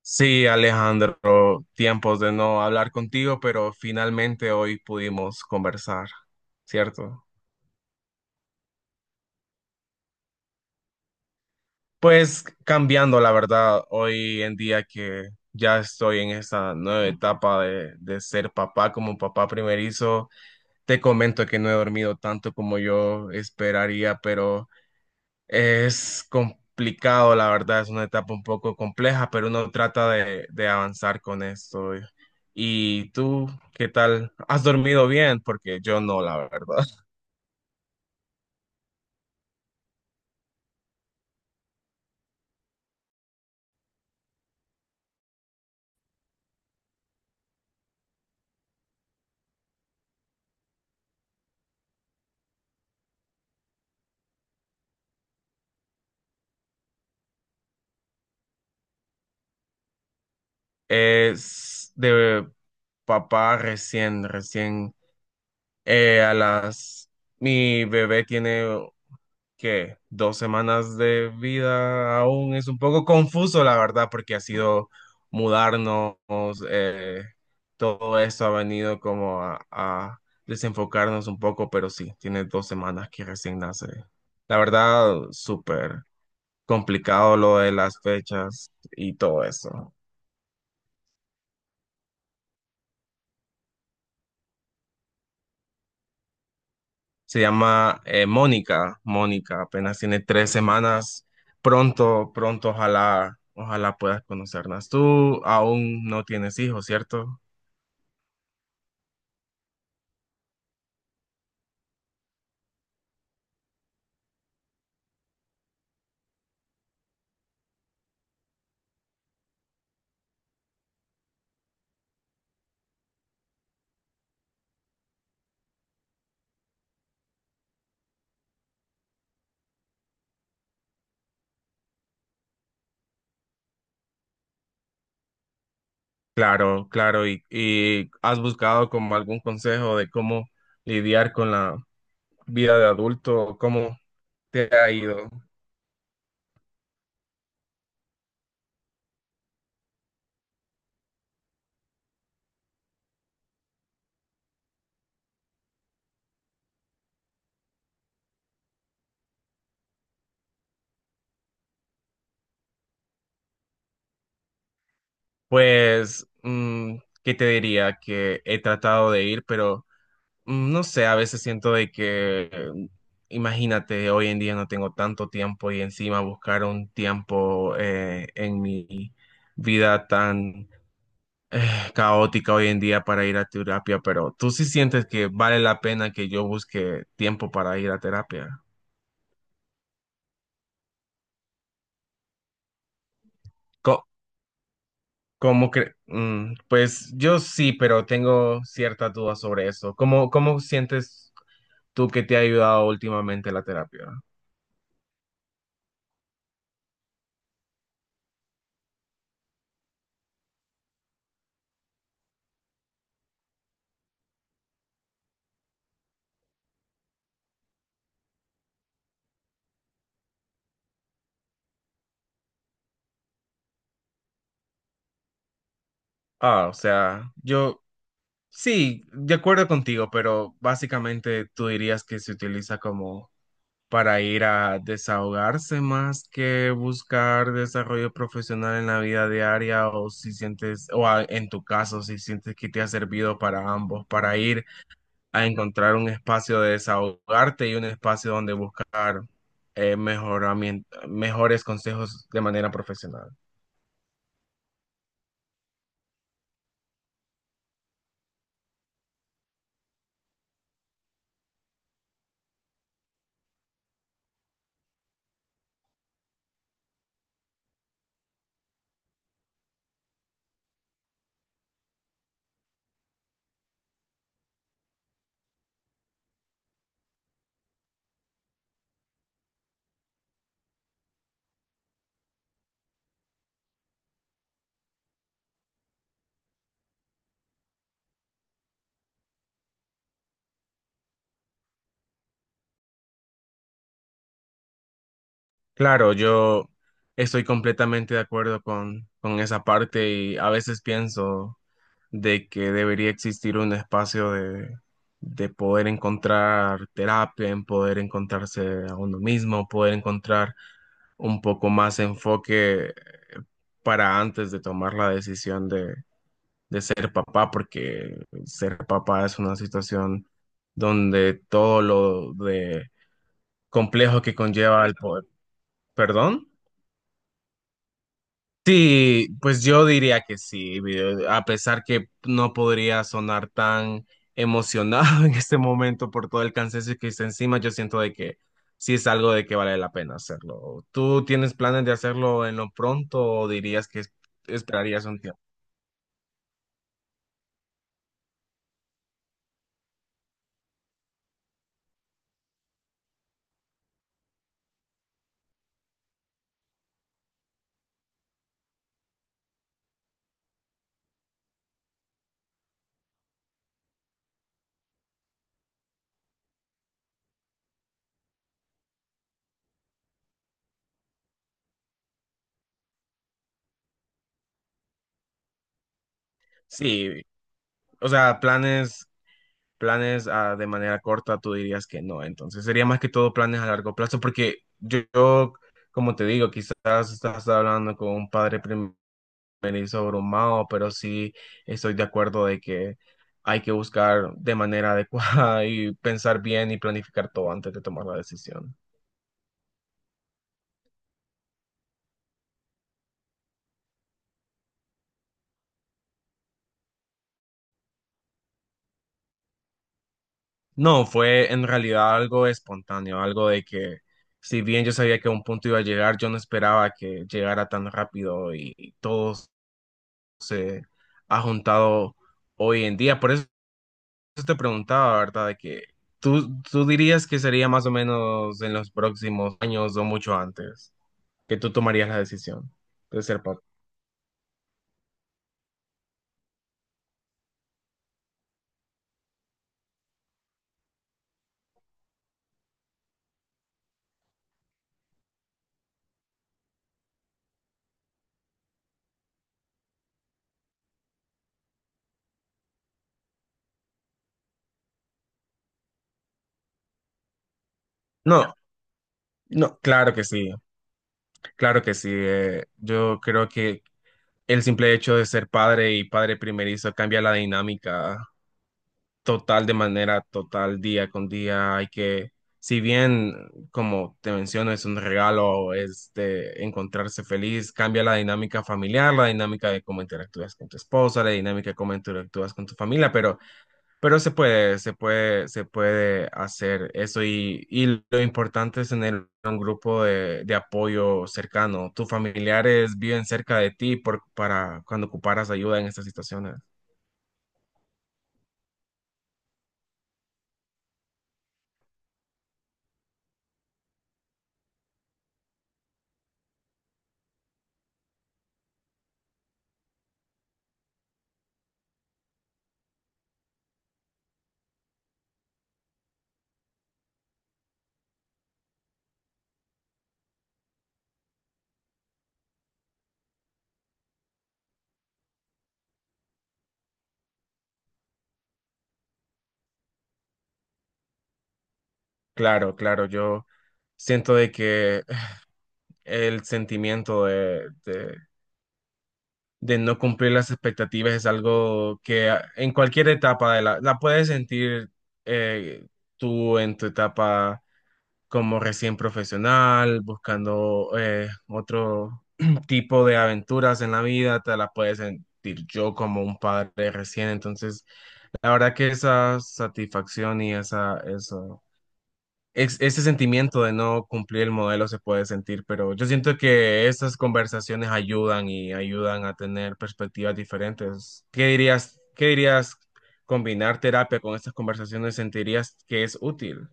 Sí, Alejandro, tiempos de no hablar contigo, pero finalmente hoy pudimos conversar, ¿cierto? Pues cambiando, la verdad, hoy en día que ya estoy en esta nueva etapa de ser papá como papá primerizo, te comento que no he dormido tanto como yo esperaría, pero es complicado, la verdad, es una etapa un poco compleja, pero uno trata de avanzar con esto. ¿Y tú qué tal? ¿Has dormido bien? Porque yo no, la verdad. Es de papá recién, a las... Mi bebé tiene que dos semanas de vida, aún es un poco confuso, la verdad, porque ha sido mudarnos, eh, todo esto ha venido como a desenfocarnos un poco, pero sí, tiene dos semanas que recién nace. La verdad, súper complicado lo de las fechas y todo eso. Se llama Mónica. Mónica apenas tiene tres semanas. Pronto, pronto, ojalá, ojalá puedas conocerlas. Tú aún no tienes hijos, ¿cierto? Claro, claro. ¿Y has buscado como algún consejo de cómo lidiar con la vida de adulto? ¿Cómo te ha ido? Pues, mm, ¿qué te diría? Que he tratado de ir, pero mm, no sé, a veces siento de que, imagínate, hoy en día no tengo tanto tiempo y encima buscar un tiempo en mi vida tan eh, caótica hoy en día para ir a terapia, pero tú sí sientes que vale la pena que yo busque tiempo para ir a terapia. Co- ¿Cómo pues yo sí, pero tengo ciertas dudas sobre eso? ¿Cómo, cómo sientes tú que te ha ayudado últimamente la terapia? Ah, o sea, yo... Sí, de acuerdo contigo, pero básicamente tú dirías que se utiliza como para ir a desahogarse más que buscar desarrollo profesional en la vida diaria, o si sientes, o en tu caso, si sientes que te ha servido para ambos, para ir a encontrar un espacio de desahogarte y un espacio donde buscar mejores consejos de manera profesional. Claro, yo estoy completamente de acuerdo con esa parte y a veces pienso de que debería existir un espacio de poder encontrar terapia, en poder encontrarse a uno mismo, poder encontrar un poco más enfoque para antes de tomar la decisión de ser papá, porque ser papá es una situación donde todo lo de complejo que conlleva el poder. ¿Perdón? Sí, pues yo diría que sí, a pesar que no podría sonar tan emocionado en este momento por todo el cansancio que está encima, yo siento de que sí es algo de que vale la pena hacerlo. ¿Tú tienes planes de hacerlo en lo pronto o dirías que esperarías un tiempo? Sí, o sea, planes, planes ah, de manera corta, tú dirías que no, entonces sería más que todo planes a largo plazo, porque yo, como te digo, quizás estás hablando con un padre primerizo venir sobrehumano, pero sí estoy de acuerdo de que hay que buscar de manera adecuada y pensar bien y planificar todo antes de tomar la decisión. No, fue en realidad algo espontáneo, algo de que si bien yo sabía que a un punto iba a llegar, yo no esperaba que llegara tan rápido y todo se ha juntado hoy en día. Por eso eso te preguntaba, ¿verdad? De que tú dirías que sería más o menos en los próximos años o mucho antes que tú tomarías la decisión de ser papá. No, no, claro que sí, claro que sí. Yo creo que el simple hecho de ser padre y padre primerizo cambia la dinámica total de manera total día con día. Hay que, si bien, como te menciono, es un regalo, es de encontrarse feliz, cambia la dinámica familiar, la dinámica de cómo interactúas con tu esposa, la dinámica de cómo interactúas con tu familia, pero, pero se puede hacer eso y lo importante es tener un grupo de apoyo cercano. Tus familiares viven cerca de ti por, para cuando ocuparas ayuda en estas situaciones. Claro, claro, yo siento de que el sentimiento de no cumplir las expectativas es algo que en cualquier etapa de la, la puedes sentir eh, tú en tu etapa como recién profesional, buscando otro tipo de aventuras en la vida, te la puedes sentir yo como un padre recién, entonces la verdad que esa satisfacción y esa, eso ese sentimiento de no cumplir el modelo se puede sentir, pero yo siento que estas conversaciones ayudan y ayudan a tener perspectivas diferentes. Qué dirías combinar terapia con estas conversaciones? ¿Sentirías que es útil?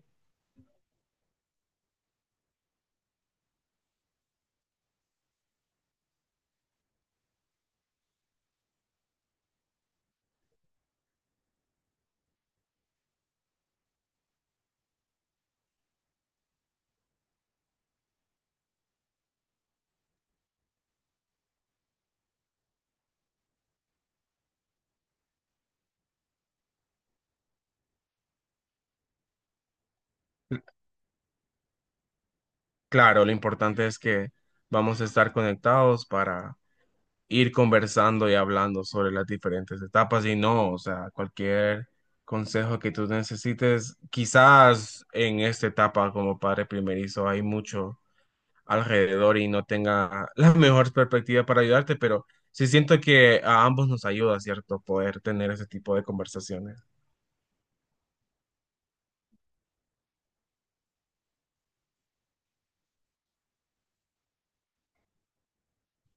Claro, lo importante es que vamos a estar conectados para ir conversando y hablando sobre las diferentes etapas y no, o sea, cualquier consejo que tú necesites, quizás en esta etapa como padre primerizo hay mucho alrededor y no tenga la mejor perspectiva para ayudarte, pero sí siento que a ambos nos ayuda, ¿cierto? Poder tener ese tipo de conversaciones.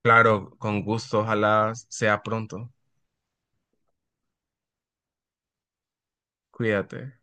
Claro, con gusto, ojalá sea pronto. Cuídate.